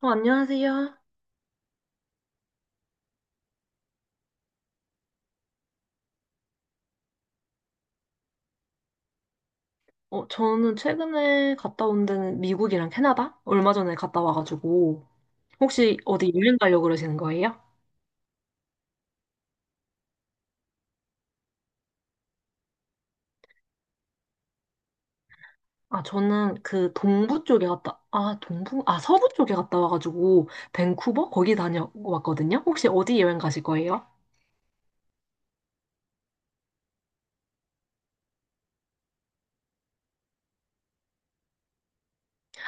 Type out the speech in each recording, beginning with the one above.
안녕하세요. 저는 최근에 갔다 온 데는 미국이랑 캐나다? 얼마 전에 갔다 와가지고. 혹시 어디 여행 가려고 그러시는 거예요? 아, 저는 그 동부 쪽에 갔다, 아, 동부? 아, 서부 쪽에 갔다 와가지고, 밴쿠버? 거기 다녀왔거든요? 혹시 어디 여행 가실 거예요?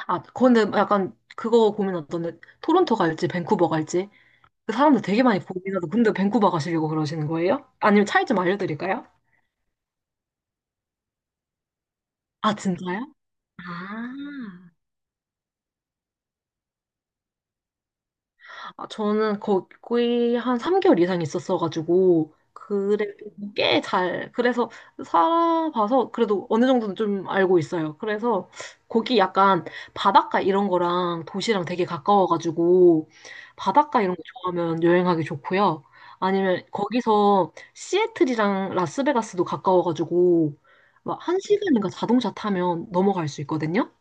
아, 근데 약간 그거 고민하던데, 토론토 갈지, 밴쿠버 갈지? 그 사람들 되게 많이 고민하고, 근데 밴쿠버 가시려고 그러시는 거예요? 아니면 차이 좀 알려드릴까요? 아, 진짜요? 아. 아, 저는 기의한 3개월 이상 있었어가지고, 그래도 꽤 잘, 그래서 살아봐서 그래도 어느 정도는 좀 알고 있어요. 그래서 거기 약간 바닷가 이런 거랑 도시랑 되게 가까워가지고, 바닷가 이런 거 좋아하면 여행하기 좋고요. 아니면 거기서 시애틀이랑 라스베가스도 가까워가지고, 막 한 시간인가 자동차 타면 넘어갈 수 있거든요?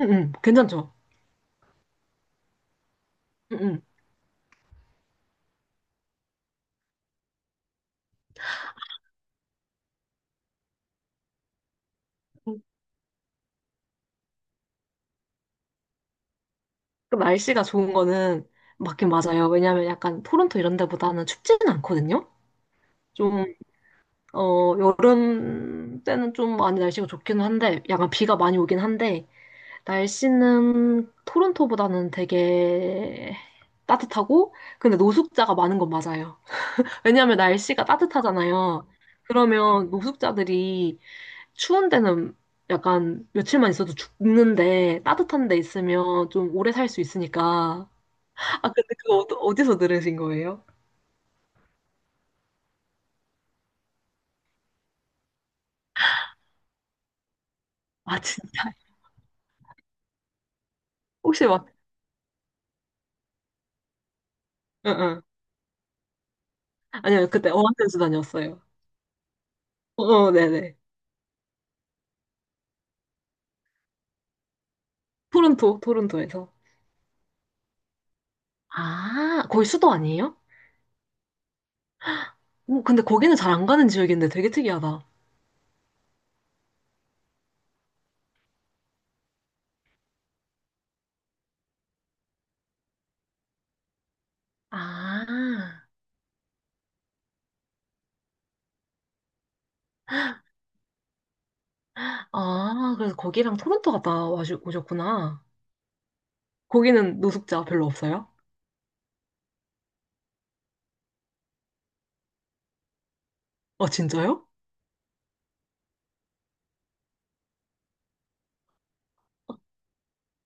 응, 응, 괜찮죠? 응, 응. 그 날씨가 좋은 거는 맞긴 맞아요. 왜냐면 약간 토론토 이런 데보다는 춥지는 않거든요. 좀, 여름 때는 좀 많이 날씨가 좋기는 한데, 약간 비가 많이 오긴 한데, 날씨는 토론토보다는 되게 따뜻하고, 근데 노숙자가 많은 건 맞아요. 왜냐면 날씨가 따뜻하잖아요. 그러면 노숙자들이 추운 데는 약간 며칠만 있어도 죽는데, 따뜻한 데 있으면 좀 오래 살 수 있으니까, 아, 근데 그거 어디서 들으신 거예요? 아, 진짜. 혹시 막, 응, 응. 아니요, 그때 어학연수 다녔어요. 어, 어, 네네. 토론토에서. 아, 거기 수도 아니에요? 오, 근데 거기는 잘 안 가는 지역인데 되게 특이하다. 아, 아, 그래서 거기랑 토론토 갔다 오셨구나. 거기는 노숙자 별로 없어요? 아, 진짜요?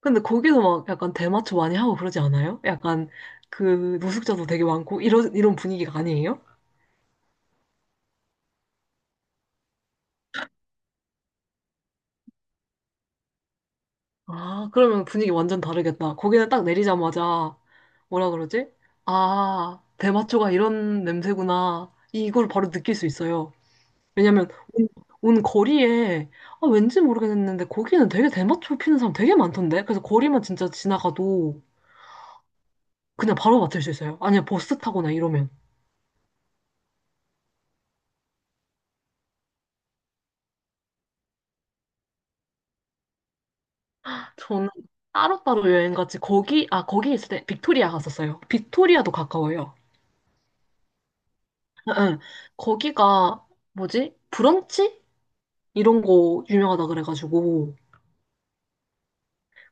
근데 거기서 막 약간 대마초 많이 하고 그러지 않아요? 약간 그 노숙자도 되게 많고 이런 분위기가 아니에요? 아, 그러면 분위기 완전 다르겠다. 거기는 딱 내리자마자, 뭐라 그러지? 아, 대마초가 이런 냄새구나. 이걸 바로 느낄 수 있어요. 왜냐면, 온, 온 거리에, 아, 왠지 모르겠는데, 거기는 되게 대마초 피는 사람 되게 많던데? 그래서 거리만 진짜 지나가도 그냥 바로 맡을 수 있어요. 아니면 버스 타거나 이러면. 저는 따로따로 여행 갔지, 거기 있을 때 빅토리아 갔었어요. 빅토리아도 가까워요. 응, 응. 거기가, 뭐지? 브런치? 이런 거 유명하다 그래가지고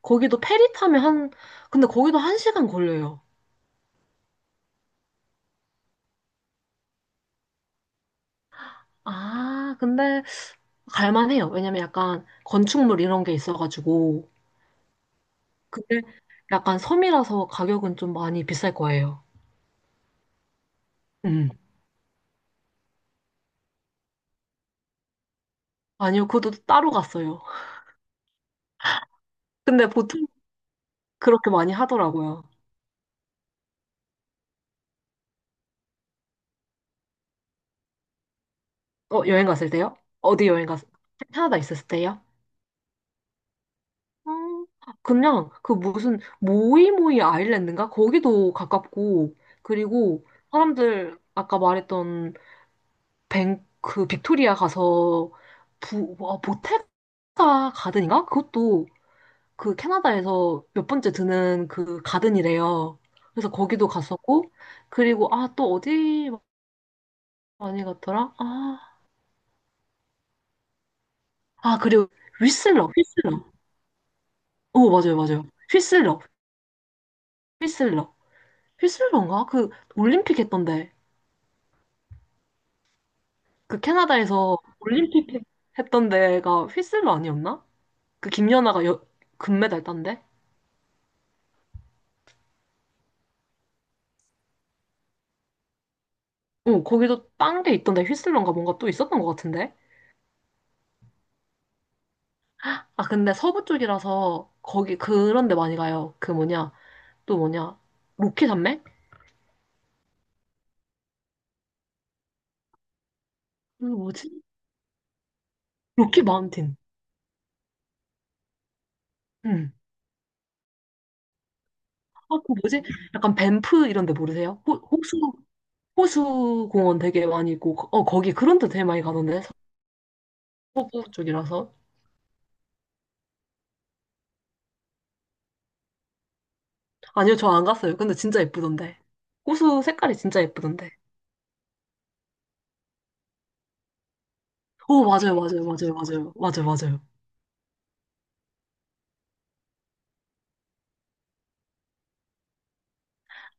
거기도 페리 타면 한 근데 거기도 한 시간 걸려요. 아 근데 갈만해요. 왜냐면 약간 건축물 이런 게 있어가지고 근데 약간 섬이라서 가격은 좀 많이 비쌀 거예요. 음 아니요, 그것도 따로 갔어요. 근데 보통 그렇게 많이 하더라고요. 여행 갔을 때요? 어디 여행 갔? 캐나다 있었을 때요? 음, 그냥 그 무슨 모이모이 아일랜드인가? 거기도 가깝고 그리고 사람들 아까 말했던 뱅 그 빅토리아 가서 보테가 가든인가? 그것도 그 캐나다에서 몇 번째 드는 그 가든이래요. 그래서 거기도 갔었고 그리고 아 또 어디 많이 갔더라? 아, 아 그리고 휘슬러 휘슬러. 오 맞아요 맞아요. 휘슬러 휘슬러 휘슬러인가? 그 올림픽 했던데. 그 캐나다에서 올림픽 했던 데가 휘슬러 아니었나? 그 김연아가 금메달 딴데? 거기도 딴 게 있던데 휘슬러인가 뭔가 또 있었던 것 같은데? 아, 근데 서부 쪽이라서 거기 그런 데 많이 가요. 그 뭐냐, 또 뭐냐, 로키 산맥? 그 뭐지? 로키 마운틴. 응. 아, 그 뭐지? 약간 밴프 이런 데 모르세요? 호수 공원 되게 많이 있고, 거기 그런 데 되게 많이 가던데? 서부 쪽이라서. 아니요, 저 안 갔어요. 근데 진짜 예쁘던데. 호수 색깔이 진짜 예쁘던데. 오, 맞아요, 맞아요, 맞아요, 맞아요, 맞아요, 맞아요.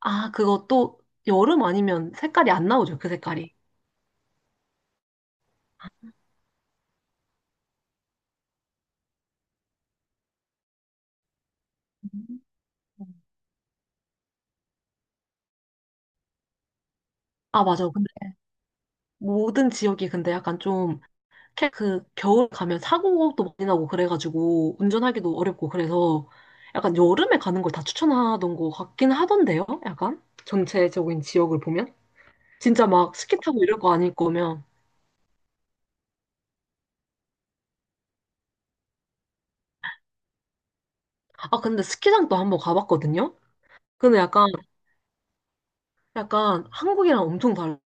아, 그거 또 여름 아니면 색깔이 안 나오죠, 그 색깔이. 음. 아, 맞아. 근데 모든 지역이 근데 약간 좀, 그 겨울 가면 사고도 많이 나고 그래가지고 운전하기도 어렵고 그래서 약간 여름에 가는 걸 다 추천하던 것 같긴 하던데요, 약간? 전체적인 지역을 보면? 진짜 막 스키 타고 이럴 거 아닐 거면. 아, 근데 스키장도 한번 가봤거든요? 근데 약간 한국이랑 엄청 달라.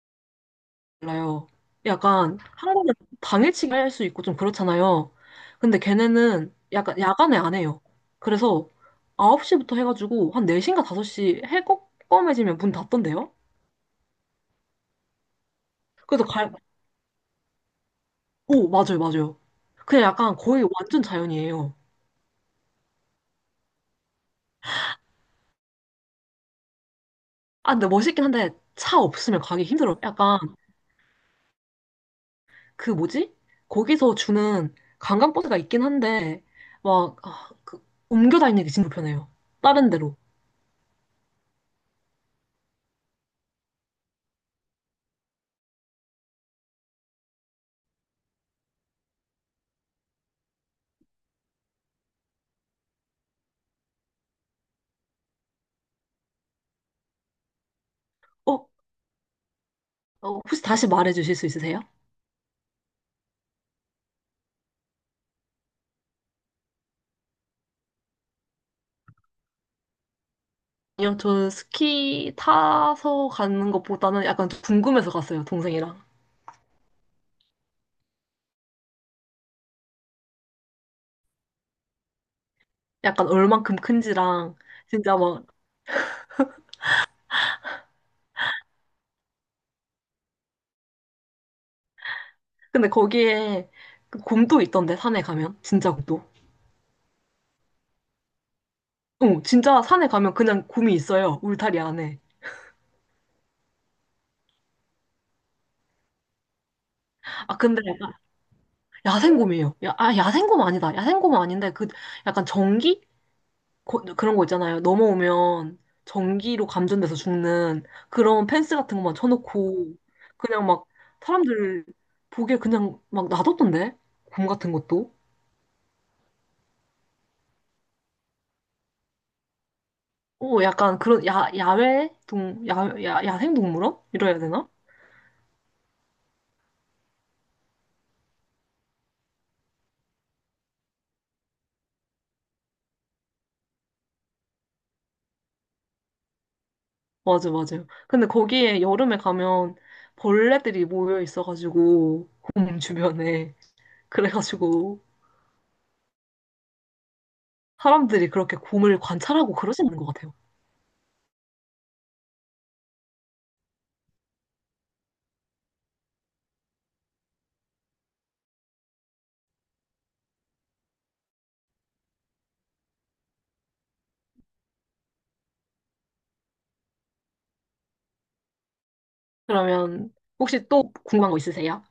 달라요. 약간 한국은 당일치기 할 수 있고 좀 그렇잖아요. 근데 걔네는 약간 야간에 안 해요. 그래서 9시부터 해가지고 한 4시인가 5시 해 꺼매지면 문 닫던데요? 그래서 오, 맞아요, 맞아요. 그냥 약간 거의 완전 자연이에요. 아, 근데 멋있긴 한데 차 없으면 가기 힘들어요. 약간 그 뭐지? 거기서 주는 관광버스가 있긴 한데 막 그 옮겨 다니는 게 진짜 불편해요. 다른 데로. 어, 어, 혹시 다시 말해 주실 수 있으세요? 아니요, 저는 스키 타서 가는 것보다는 약간 궁금해서 갔어요, 동생이랑. 약간 얼만큼 큰지랑, 진짜 막. 근데 거기에 그 곰도 있던데, 산에 가면. 진짜 곰도. 어, 진짜 산에 가면 그냥 곰이 있어요, 울타리 안에. 아, 근데 약간 야생곰이에요. 야생곰 아니다. 야생곰은 아닌데, 그 약간 전기? 그런 거 있잖아요. 넘어오면 전기로 감전돼서 죽는 그런 펜스 같은 것만 쳐놓고 그냥 막 사람들 보기에 그냥 막 놔뒀던데? 곰 같은 것도? 약간 그런 야외 야생동물원? 이래야 되나? 맞아, 맞아요. 근데 거기에 여름에 가면 벌레들이 모여 있어가지고 곰 주변에 그래가지고 사람들이 그렇게 곰을 관찰하고 그러시는 것 같아요. 그러면 혹시 또 궁금한 거 있으세요?